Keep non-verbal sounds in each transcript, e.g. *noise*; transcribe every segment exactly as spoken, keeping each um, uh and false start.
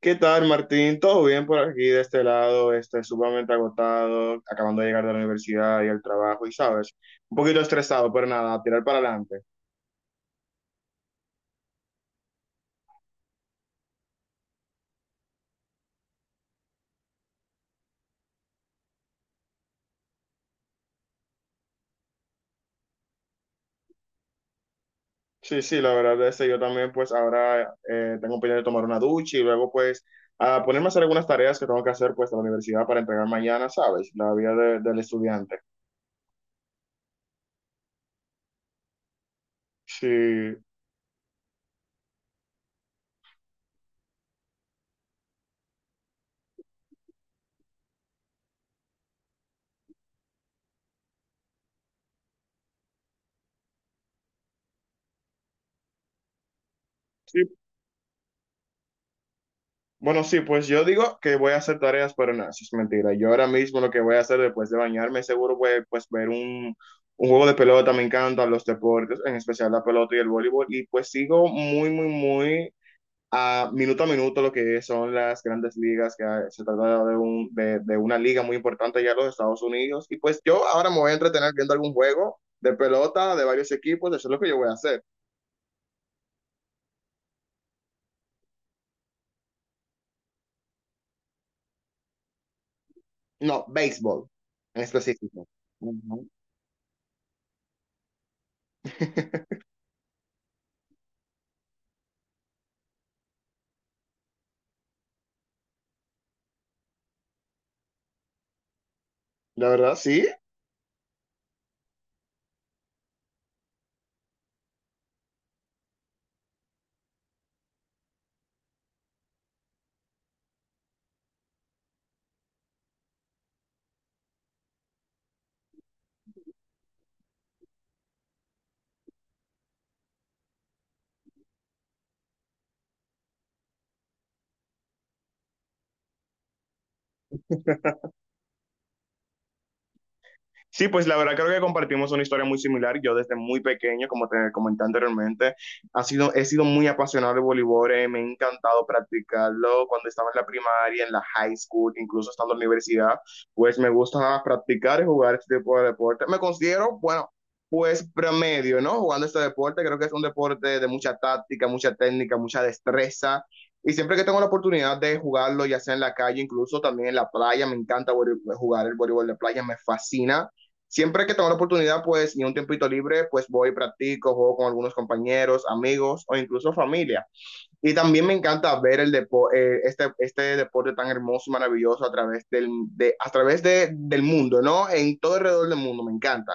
¿Qué tal, Martín? ¿Todo bien por aquí de este lado? Este, sumamente agotado, acabando de llegar de la universidad y el trabajo, y sabes, un poquito estresado, pero nada, a tirar para adelante. Sí, sí, la verdad es que yo también, pues ahora eh, tengo pendiente de tomar una ducha y luego, pues, a ponerme a hacer algunas tareas que tengo que hacer, pues, a la universidad para entregar mañana, sabes, la vida de- del estudiante. Sí, sí, bueno, sí, pues yo digo que voy a hacer tareas, pero no, eso es mentira. Yo ahora mismo lo que voy a hacer después de bañarme, seguro voy a, pues ver un, un juego de pelota, me encantan los deportes, en especial la pelota y el voleibol, y pues sigo muy, muy, muy a minuto a minuto lo que son las grandes ligas, que se trata de, un, de, de una liga muy importante ya en los Estados Unidos, y pues yo ahora me voy a entretener viendo algún juego de pelota de varios equipos, eso es lo que yo voy a hacer. No, béisbol en específico. Ujú. *laughs* La verdad, sí. Sí, pues la verdad creo que compartimos una historia muy similar. Yo desde muy pequeño, como te comenté anteriormente, ha sido, he sido muy apasionado del voleibol, eh, me ha encantado practicarlo cuando estaba en la primaria, en la high school, incluso estando en la universidad, pues me gusta practicar y jugar este tipo de deporte. Me considero, bueno, pues promedio, ¿no? Jugando este deporte, creo que es un deporte de mucha táctica, mucha técnica, mucha destreza. Y siempre que tengo la oportunidad de jugarlo, ya sea en la calle, incluso también en la playa, me encanta vole- jugar el voleibol de playa, me fascina. Siempre que tengo la oportunidad, pues, y un tiempito libre, pues voy, practico, juego con algunos compañeros, amigos o incluso familia. Y también me encanta ver el depo- eh, este, este deporte tan hermoso y maravilloso a través del, de, a través de- del mundo, ¿no? En todo alrededor del mundo, me encanta.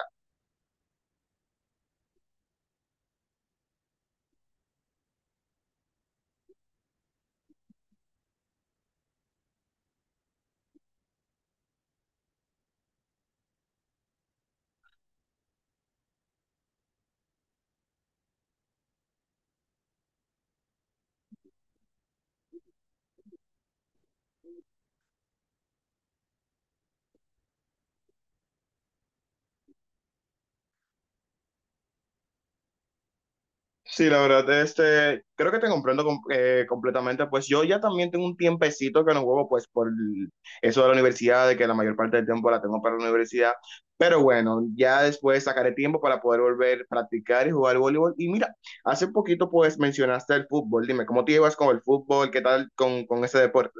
Sí, la verdad, este, creo que te comprendo com- eh, completamente. Pues yo ya también tengo un tiempecito que no juego, pues por el- eso de la universidad, de que la mayor parte del tiempo la tengo para la universidad. Pero bueno, ya después sacaré tiempo para poder volver a practicar y jugar voleibol. Y mira, hace poquito pues mencionaste el fútbol. Dime, ¿cómo te llevas con el fútbol? ¿Qué tal con, con ese deporte?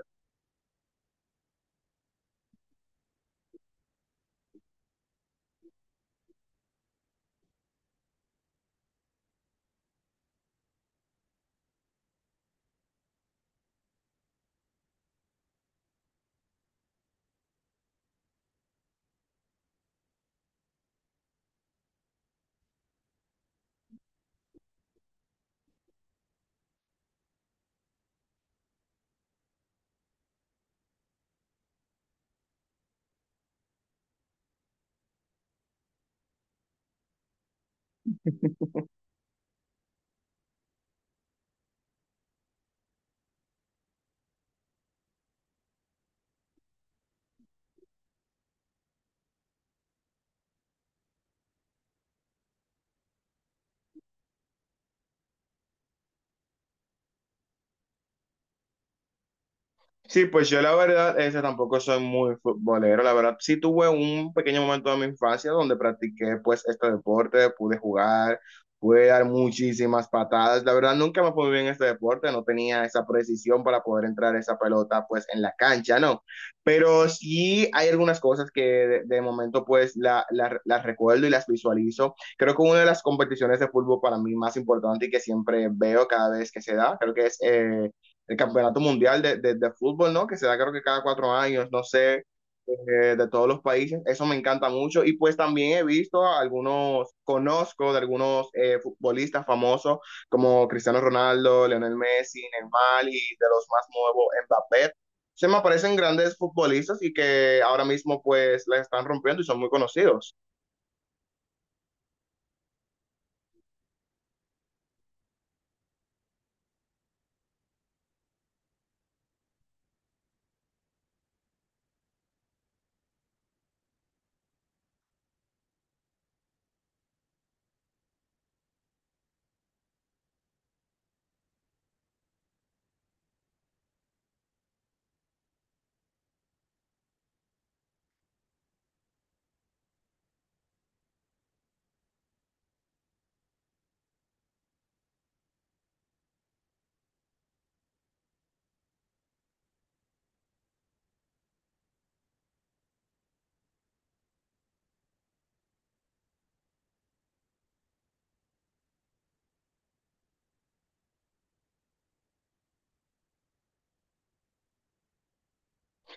Sí, pues yo la verdad, ese tampoco soy muy futbolero, la verdad. Sí tuve un pequeño momento de mi infancia donde practiqué pues este deporte, pude jugar, pude dar muchísimas patadas. La verdad nunca me fue bien en este deporte, no tenía esa precisión para poder entrar esa pelota pues en la cancha, ¿no? Pero sí hay algunas cosas que de, de momento pues la- la- las recuerdo y las visualizo. Creo que una de las competiciones de fútbol para mí más importante y que siempre veo cada vez que se da, creo que es... eh, el campeonato mundial de, de, de fútbol, ¿no? Que se da creo que cada cuatro años, no sé, eh, de todos los países. Eso me encanta mucho. Y pues también he visto a algunos, conozco de algunos eh, futbolistas famosos como Cristiano Ronaldo, Lionel Messi, Neymar y de los más nuevos, Mbappé. Se me aparecen grandes futbolistas y que ahora mismo pues la están rompiendo y son muy conocidos.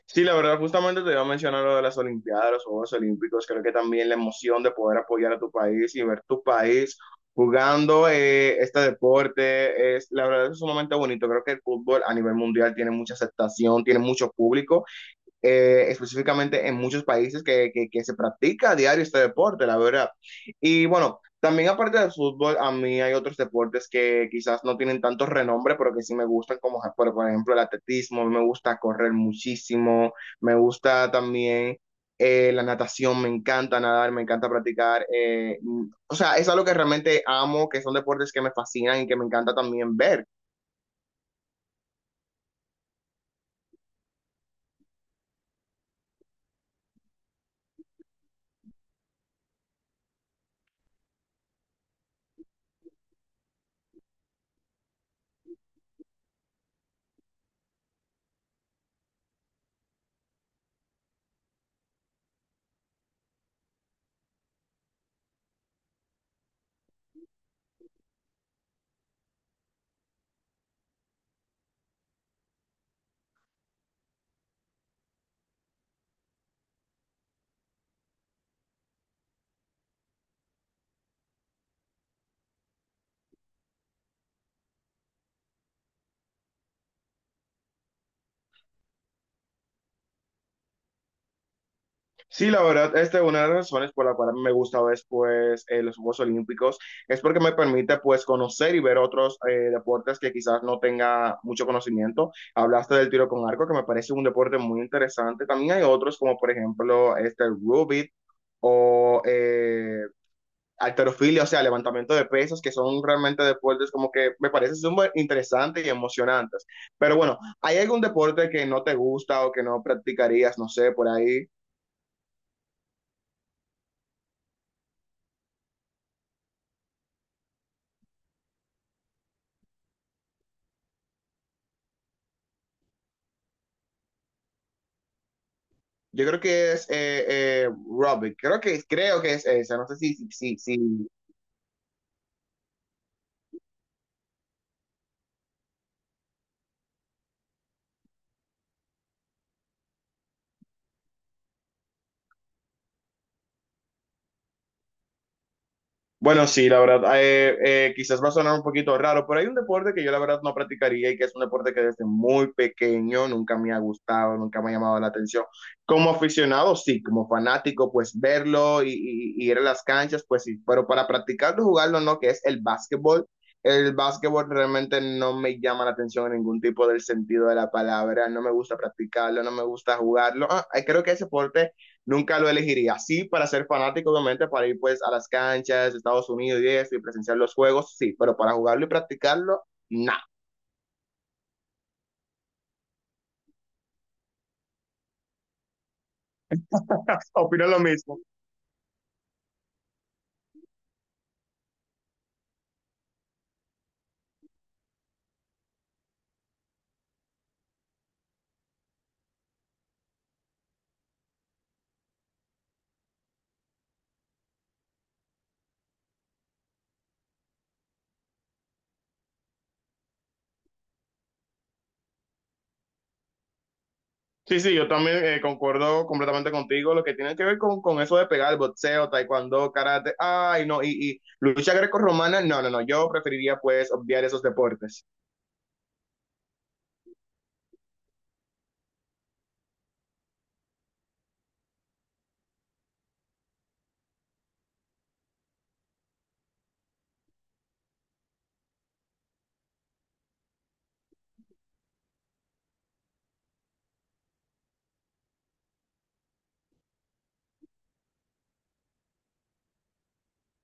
Sí, la verdad, justamente te iba a mencionar lo de las Olimpiadas, los Juegos Olímpicos. Creo que también la emoción de poder apoyar a tu país y ver tu país jugando eh, este deporte es, la verdad, es sumamente bonito. Creo que el fútbol a nivel mundial tiene mucha aceptación, tiene mucho público eh, específicamente en muchos países que, que, que se practica a diario este deporte, la verdad. Y bueno, también aparte del fútbol, a mí hay otros deportes que quizás no tienen tanto renombre, pero que sí me gustan, como por, por ejemplo el atletismo, me gusta correr muchísimo, me gusta también eh, la natación, me encanta nadar, me encanta practicar. Eh, o sea, es algo que realmente amo, que son deportes que me fascinan y que me encanta también ver. Sí, la verdad, esta es una de las razones por la cual me gusta ver pues, eh, los Juegos Olímpicos, es porque me permite pues conocer y ver otros eh, deportes que quizás no tenga mucho conocimiento. Hablaste del tiro con arco, que me parece un deporte muy interesante. También hay otros como por ejemplo este el rugby o eh, halterofilia, o sea, levantamiento de pesos, que son realmente deportes como que me parecen súper interesantes y emocionantes. Pero bueno, ¿hay algún deporte que no te gusta o que no practicarías, no sé, por ahí? Yo creo que es eh, eh, Robbie, creo que, creo que es esa, no sé si, si, si, si, Bueno, sí, la verdad, eh, eh, quizás va a sonar un poquito raro, pero hay un deporte que yo la verdad no practicaría y que es un deporte que desde muy pequeño nunca me ha gustado, nunca me ha llamado la atención. Como aficionado, sí, como fanático, pues verlo y, y- y ir a las canchas, pues sí, pero para practicarlo, jugarlo, no, que es el básquetbol. El básquetbol realmente no me llama la atención en ningún tipo del sentido de la palabra, no me gusta practicarlo, no me gusta jugarlo. Ah, creo que ese deporte nunca lo elegiría. Sí, para ser fanático, obviamente, para ir pues a las canchas de Estados Unidos y eso, y presenciar los juegos, sí, pero para jugarlo y practicarlo, nada. *laughs* Opino lo mismo. Sí, sí, yo también eh, concuerdo completamente contigo. Lo que tiene que ver con, con eso de pegar boxeo, taekwondo, karate, ay, no, y, y lucha grecorromana, no, no, no, yo preferiría pues obviar esos deportes.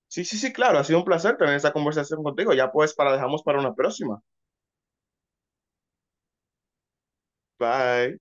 Sí, sí, sí, claro, ha sido un placer tener esta conversación contigo. Ya pues para dejamos para una próxima. Bye.